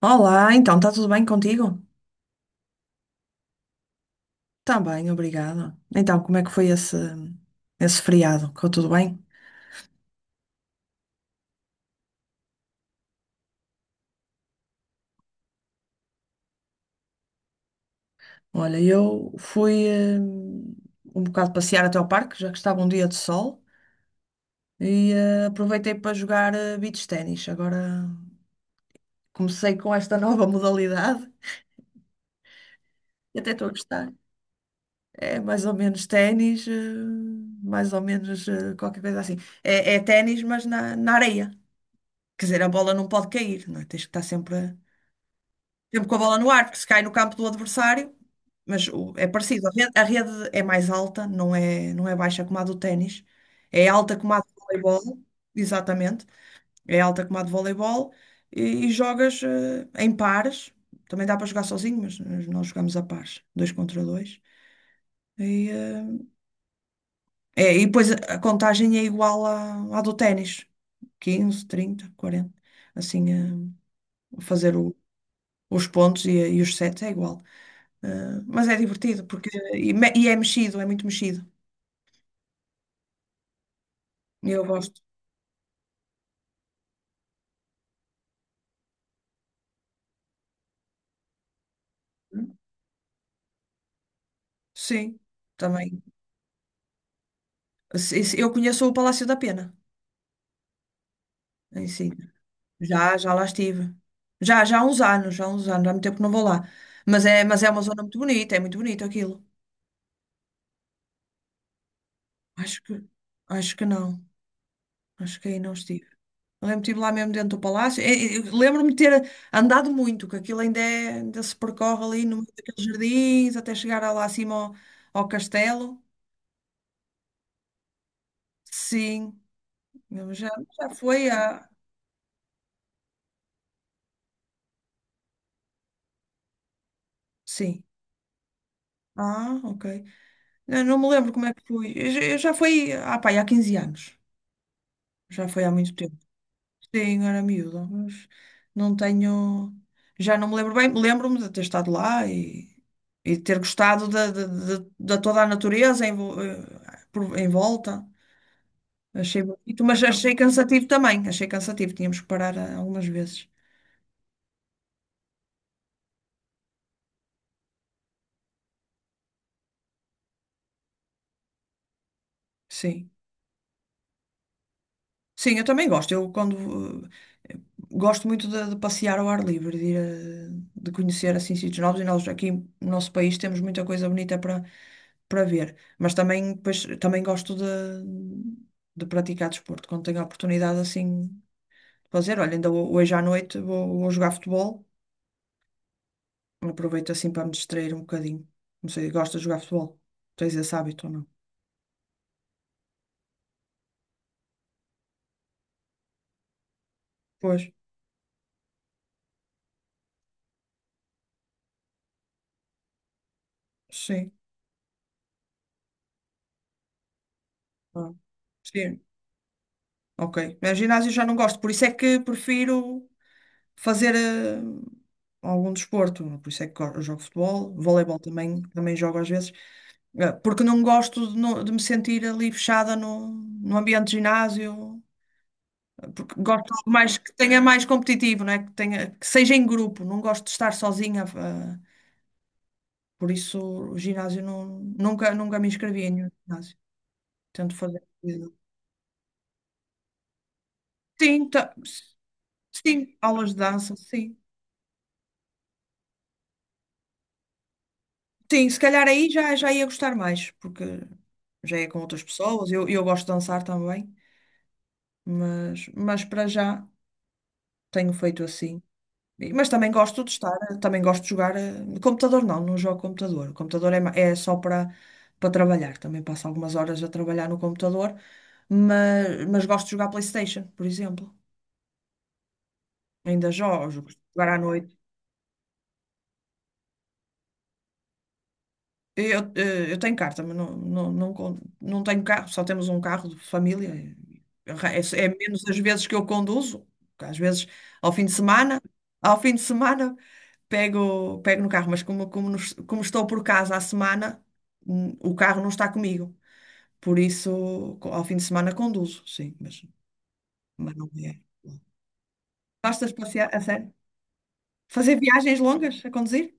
Olá, então, está tudo bem contigo? Está bem, obrigada. Então, como é que foi esse feriado? Ficou tudo bem? Olha, eu fui um bocado passear até ao parque, já que estava um dia de sol, e aproveitei para jogar beach ténis. Agora comecei com esta nova modalidade e até estou a gostar. É mais ou menos ténis, mais ou menos qualquer coisa assim. É ténis, mas na areia. Quer dizer, a bola não pode cair, não é? Tens que estar sempre. Sempre com a bola no ar, porque se cai no campo do adversário, mas é parecido. A rede é mais alta, não é baixa como a do ténis. É alta como a do voleibol, exatamente. É alta como a do voleibol e, e jogas em pares. Também dá para jogar sozinho, mas nós jogamos a pares, dois contra dois. E, eh, e depois a contagem é igual à do ténis, 15, 30, 40. Assim, fazer os pontos e os sets é igual. Ah, mas é divertido, porque é mexido, é muito mexido. E eu gosto. Sim, também. Eu conheço o Palácio da Pena, em si. Já lá estive. Já, já há uns anos, já há uns anos, há muito tempo que não vou lá. Mas é uma zona muito bonita, é muito bonito aquilo. Acho que, acho que não. Acho que aí não estive. Eu lembro-me estive lá mesmo dentro do palácio. Lembro-me de ter andado muito, que aquilo ainda, ainda se percorre ali no meio daqueles jardins, até chegar lá acima ao castelo. Sim, eu já, já foi há. Sim. Ah, ok. Eu não me lembro como é que fui. Eu já fui pá, há 15 anos. Já foi há muito tempo. Sim, era miúda, mas não tenho. Já não me lembro bem. Lembro-me de ter estado lá e de ter gostado da toda a natureza em volta. Achei bonito, mas achei cansativo também. Achei cansativo. Tínhamos que parar algumas vezes. Sim. Sim, eu também gosto. Eh, Gosto muito de passear ao ar livre, de conhecer assim sítios novos e nós aqui no nosso país temos muita coisa bonita para ver. Mas também depois, também gosto de praticar desporto quando tenho a oportunidade assim de fazer. Olha, ainda hoje à noite vou, jogar futebol. Aproveito assim para me distrair um bocadinho. Não sei, gosto de jogar futebol. Tens esse hábito ou não? Pois, sim. Ah, sim, ok. Mas ginásio já não gosto, por isso é que prefiro fazer algum desporto. Por isso é que eu jogo futebol, voleibol também, também jogo às vezes, porque não gosto de, de me sentir ali fechada no ambiente de ginásio, porque gosto de algo mais que tenha mais competitivo, não é? Que tenha, que seja em grupo, não gosto de estar sozinha. Por isso o ginásio não, nunca me inscrevi em nenhum ginásio. Tento fazer. Sim, sim, aulas de dança, sim. Sim, se calhar aí já ia gostar mais, porque já é com outras pessoas. Eu gosto de dançar também, mas para já tenho feito assim. Mas também gosto de estar, também gosto de jogar. No computador não, jogo computador. O computador é só para trabalhar. Também passo algumas horas a trabalhar no computador, mas gosto de jogar PlayStation, por exemplo. Ainda jogo jogar à noite. Eu tenho carta, mas não tenho carro, só temos um carro de família. É menos as vezes que eu conduzo, porque às vezes ao fim de semana, ao fim de semana pego, no carro, mas como estou por casa à semana, o carro não está comigo. Por isso, ao fim de semana conduzo, sim, mas não é. Gostas de passear, a sério? Fazer viagens longas a conduzir?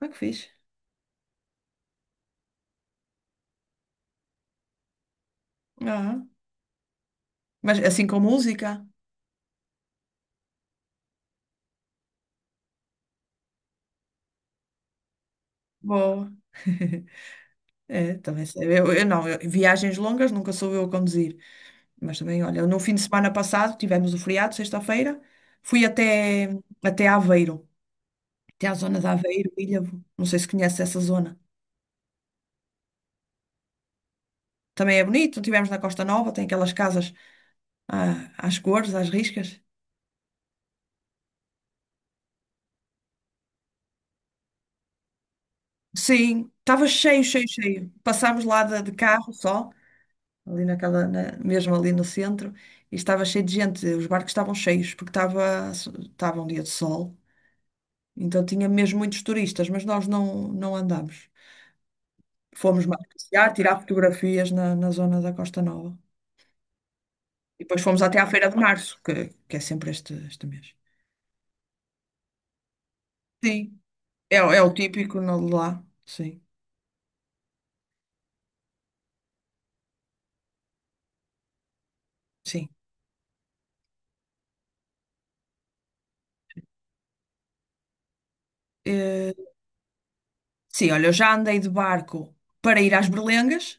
Ah, que fixe. Ah, mas assim com música? Boa. É, também sei. Eu não, eu- Viagens longas nunca sou eu a conduzir. Mas também, olha, no fim de semana passado tivemos o feriado, sexta-feira, fui até Aveiro, até à zona de Aveiro, Ilhavo. Não sei se conhece essa zona. Também é bonito, tivemos na Costa Nova, tem aquelas casas às cores, às riscas. Sim, estava cheio, cheio, cheio. Passámos lá de carro só, ali mesmo ali no centro, e estava cheio de gente. Os barcos estavam cheios, porque estava um dia de sol. Então tinha mesmo muitos turistas, mas nós não andámos. Fomos mais passear, tirar fotografias na zona da Costa Nova. E depois fomos até à Feira de Março, que é sempre este mês. Sim, é o típico de lá. Sim, sim. Eh, sim, olha, eu já andei de barco para ir às Berlengas.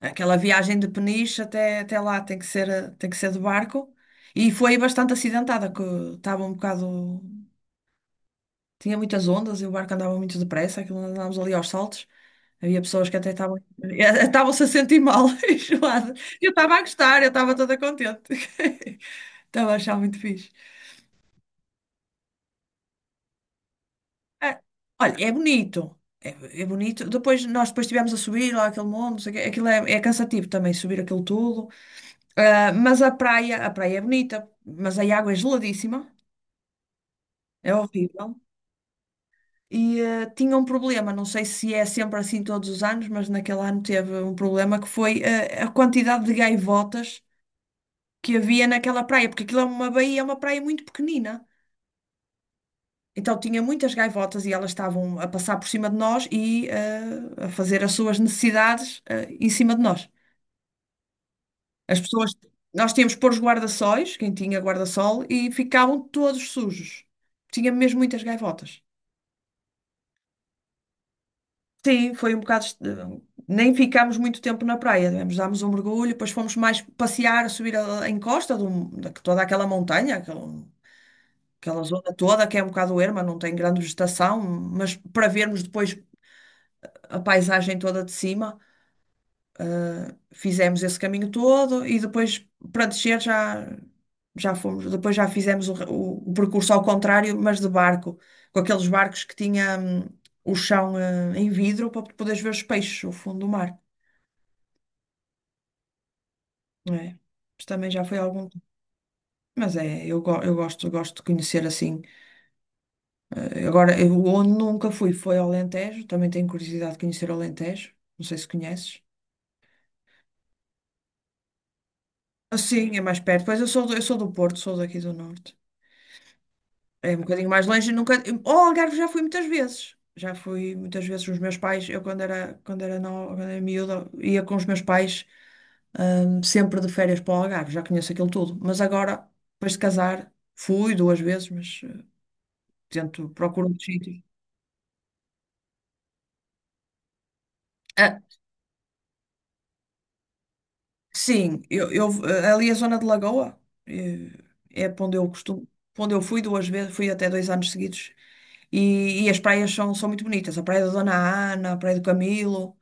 Aquela viagem de Peniche até lá tem que ser, de barco. E foi bastante acidentada, que estava um bocado. Tinha muitas ondas e o barco andava muito depressa, aquilo andávamos ali aos saltos. Havia pessoas que até estavam estavam-se a sentir mal, enjoadas. Eu estava a gostar, eu estava toda contente. Estava a achar muito fixe. Ah, olha, é bonito. É bonito. Depois estivemos a subir lá aquele monte, não sei o quê. Aquilo é cansativo também subir aquilo tudo. Ah, mas a praia é bonita, mas a água é geladíssima. É horrível. E tinha um problema, não sei se é sempre assim todos os anos, mas naquele ano teve um problema que foi a quantidade de gaivotas que havia naquela praia, porque aquilo é uma baía, é uma praia muito pequenina. Então tinha muitas gaivotas e elas estavam a passar por cima de nós e a fazer as suas necessidades em cima de nós. As pessoas, nós tínhamos que pôr os guarda-sóis, quem tinha guarda-sol, e ficavam todos sujos. Tinha mesmo muitas gaivotas. Sim, foi um bocado. Nem ficámos muito tempo na praia. Dámos um mergulho, depois fomos mais passear, a subir a encosta de toda aquela montanha, aquela, aquela zona toda que é um bocado erma, não tem grande vegetação, mas para vermos depois a paisagem toda de cima, fizemos esse caminho todo e depois para descer já fomos. Depois já fizemos o percurso ao contrário, mas de barco, com aqueles barcos que tinha, o chão, em vidro para poderes ver os peixes, o fundo do mar. É. Mas também já foi algum. Eu gosto de conhecer assim. Agora, eu, onde nunca fui foi ao Alentejo, também tenho curiosidade de conhecer o Alentejo. Não sei se conheces. Assim, é mais perto. Pois eu sou do Porto, sou daqui do Norte. É um bocadinho mais longe, nunca. Ao Algarve já fui muitas vezes. Já fui muitas vezes com os meus pais. Eu quando era, no, quando era miúda, ia com os meus pais, sempre de férias para o Algarve, já conheço aquilo tudo. Mas agora, depois de casar, fui duas vezes, mas. Tento, procuro um sítios. Ah, sim, ali a zona de Lagoa eh, é para onde eu costumo, para onde eu fui duas vezes, fui até dois anos seguidos. E as praias são muito bonitas. A Praia da Dona Ana, a Praia do Camilo,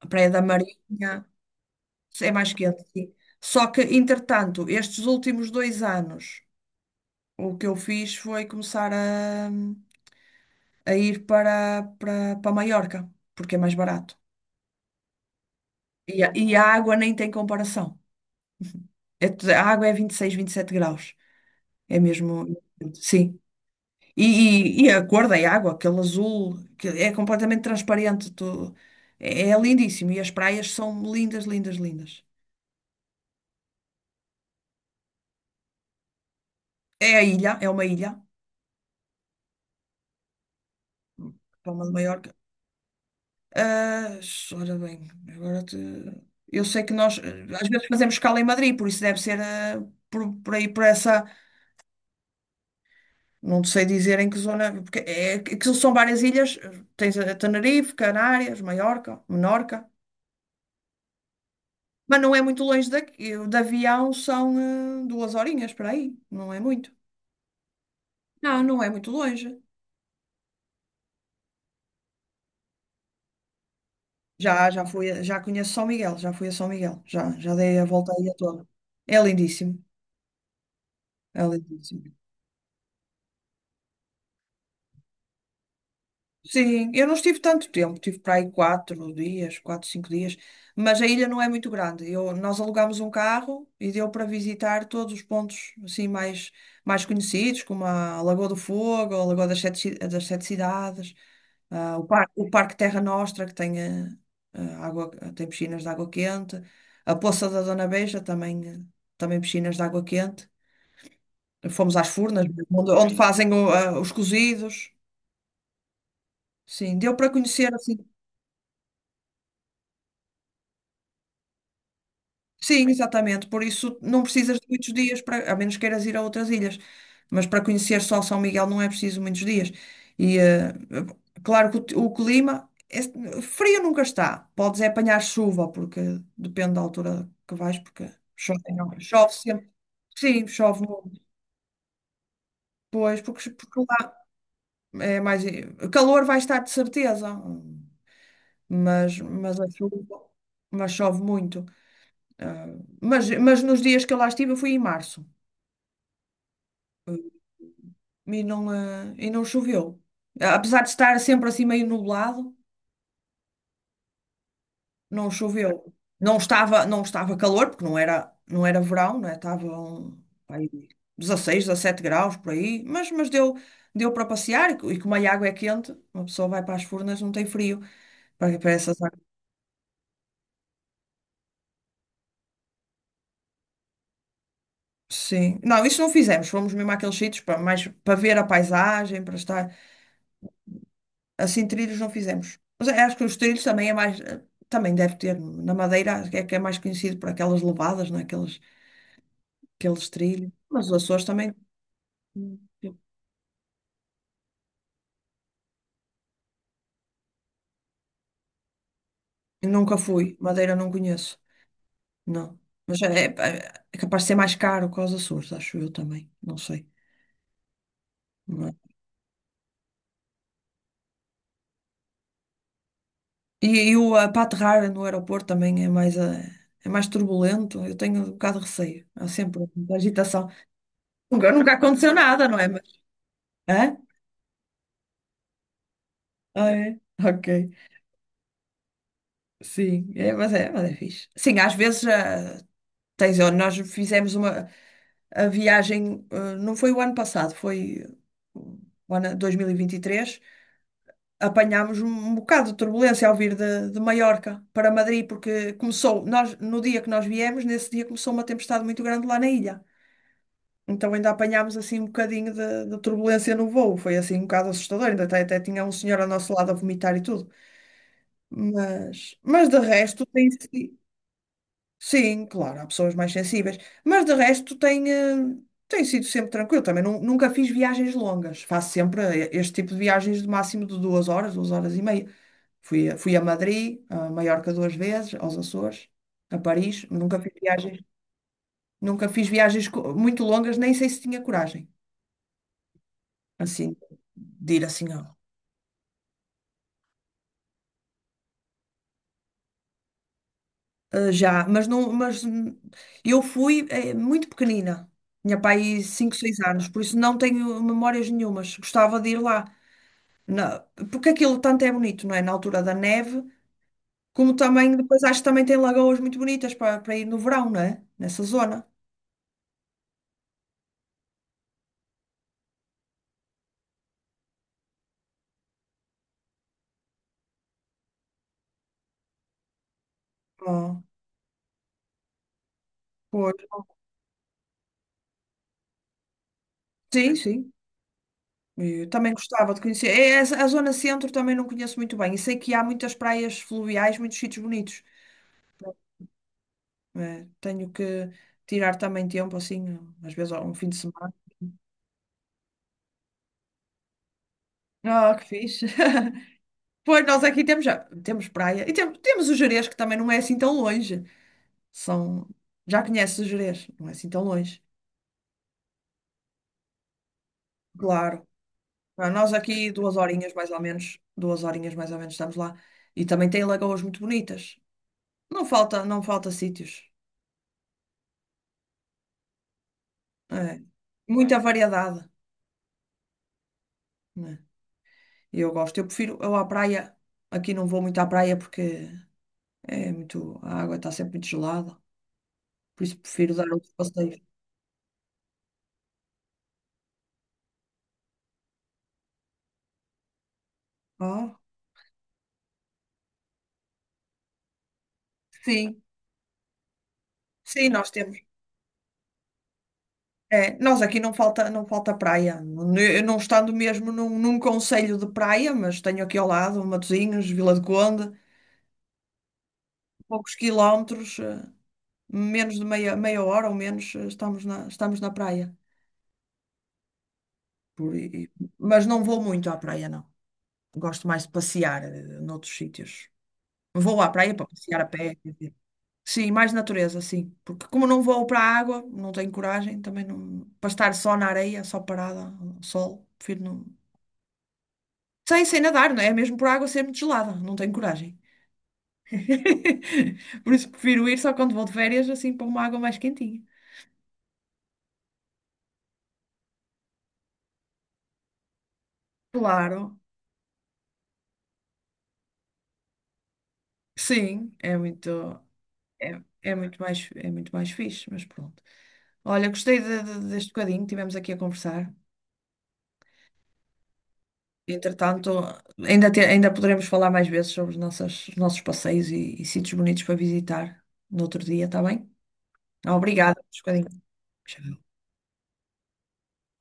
a Praia da Marinha. É mais quente, sim. Só que, entretanto, estes últimos dois anos, o que eu fiz foi começar a ir para Maiorca, porque é mais barato. E a água nem tem comparação. É a água é 26, sete graus. É mesmo. Sim. E a cor da água, aquele azul, que é completamente transparente. É lindíssimo. E as praias são lindas, lindas, lindas. É a ilha, é uma ilha. Palma de Maiorca. Ah, ora bem, agora te... Eu sei que nós às vezes fazemos escala em Madrid, por isso deve ser por aí, por essa. Não sei dizer em que zona, porque é, aquilo são várias ilhas. Tens a Tenerife, Canárias, Maiorca, Menorca. Mas não é muito longe daqui. De avião são 2 horinhas para aí. Não é muito. Não, não é muito longe. Já fui, já conheço São Miguel, já fui a São Miguel, já dei a volta aí a toda. É lindíssimo, é lindíssimo. Sim, eu não estive tanto tempo, tive para aí quatro dias, quatro, cinco dias, mas a ilha não é muito grande. Nós alugámos um carro e deu para visitar todos os pontos assim mais conhecidos, como a Lagoa do Fogo, a Lagoa das Sete Cidades. Ah, o Parque Terra Nostra, que tem, água, tem piscinas de água quente. A Poça da Dona Beija também, também piscinas de água quente. Fomos às Furnas, onde fazem os cozidos. Sim, deu para conhecer assim. Sim, exatamente. Por isso não precisas de muitos dias, para, a menos queiras ir a outras ilhas. Mas para conhecer só São Miguel não é preciso muitos dias. E eh, claro que o clima é, frio nunca está. Podes é apanhar chuva, porque depende da altura que vais, porque chove, não- chove sempre. Sim, chove muito. Pois, porque lá é mais. Eh, Calor vai estar de certeza, mas a chuva, mas chove muito. Ah, mas nos dias que eu lá estive, eu fui em março. Eh, e não choveu. Apesar de estar sempre assim meio nublado, não choveu. Não estava calor, porque não era verão, né? Estava um, pá, aí 16, 17 graus por aí, deu para passear e como a água é quente, uma pessoa vai para as furnas, não tem frio. Para essas águas. Sim. Não, isso não fizemos. Fomos mesmo àqueles sítios para mais para ver a paisagem, para estar. Assim, trilhos não fizemos. Mas eu acho que os trilhos também é mais. Eh, Também deve ter. Na Madeira acho que é mais conhecido por aquelas levadas, né? Aqueles, aqueles trilhos. Mas os Açores também. Hum. Eu nunca fui. Madeira não conheço. Não. Mas é, é capaz de ser mais caro que os Açores, acho eu também. Não sei. Não é? Para aterrar no aeroporto também é mais, eh, é mais turbulento. Eu tenho um bocado de receio. Há sempre muita agitação. Nunca aconteceu nada, não é? Mas, hã? Ah, é? Ok. Sim, é, mas é fixe. Sim, às vezes tens, ó, nós fizemos uma a viagem, ah, não foi o ano passado, foi uh, o ano 2023, apanhámos um, um bocado de turbulência ao vir de Maiorca para Madrid, porque começou, nós, no dia que nós viemos, nesse dia começou uma tempestade muito grande lá na ilha. Então ainda apanhámos assim um bocadinho de turbulência no voo, foi assim um bocado assustador, ainda até tinha um senhor ao nosso lado a vomitar e tudo. Mas de resto tem sido. Sim, claro, há pessoas mais sensíveis, mas de resto tem sido sempre tranquilo. Também nunca fiz viagens longas, faço sempre eh, este tipo de viagens de máximo de 2 horas, 2 horas e meia. Fui a Madrid, a Maiorca 2 vezes, aos Açores, a Paris. Nunca fiz viagens, nunca fiz muito longas, nem sei se tinha coragem, assim, de ir assim. Ó. Já, mas não, mas eu fui eh, muito pequenina. Tinha pai 5 6 anos, por isso não tenho memórias nenhumas. Gostava de ir lá. na- porque aquilo tanto é bonito, não é? Na altura da neve, como também, depois acho que também tem lagoas muito bonitas para ir no verão, não é? Nessa zona. Ah, pois. Sim, sim. Eu também gostava de conhecer. É, a zona centro também não conheço muito bem. E sei que há muitas praias fluviais, muitos sítios bonitos. É, tenho que tirar também tempo, assim, às vezes um fim de semana. Ah, que fixe. Pois nós aqui temos, já, temos praia e temos, temos o Gerês, que também não é assim tão longe. São... Já conheces Jerez, não é assim tão longe. Claro. Ah, nós aqui duas horinhas mais ou menos, duas horinhas mais ou menos estamos lá. E também tem lagoas muito bonitas. Não falta sítios. É. Muita variedade, né? E eu gosto. Eu à praia, aqui não vou muito à praia porque é muito, a água está sempre muito gelada. Por isso prefiro dar outros passeios. Ah, sim, sim, nós temos. É, nós aqui não falta praia. Eu não estando mesmo num concelho de praia, mas tenho aqui ao lado Matosinhos, Vila do Conde, poucos quilómetros, eh, menos de meia, meia hora ou menos, eh, estamos na praia. Por, e- mas não vou muito à praia, não. Gosto mais de passear, eh, noutros sítios. Vou à praia para passear a pé. Quer dizer. Sim, mais natureza, sim. Porque como não vou para a água, não tenho coragem, também não, para estar só na areia, só parada, ao sol, prefiro não. Sei, sei nadar, não é? É mesmo por água ser muito gelada, não tenho coragem. Por isso prefiro ir só quando vou de férias, assim, para uma água mais quentinha. Claro, sim, é muito, é, é muito mais fixe, mas pronto. Olha, gostei deste bocadinho que tivemos aqui a conversar. Entretanto, ainda poderemos falar mais vezes sobre os nossos passeios e sítios bonitos para visitar no outro dia, está bem? Obrigada, por este bocadinho.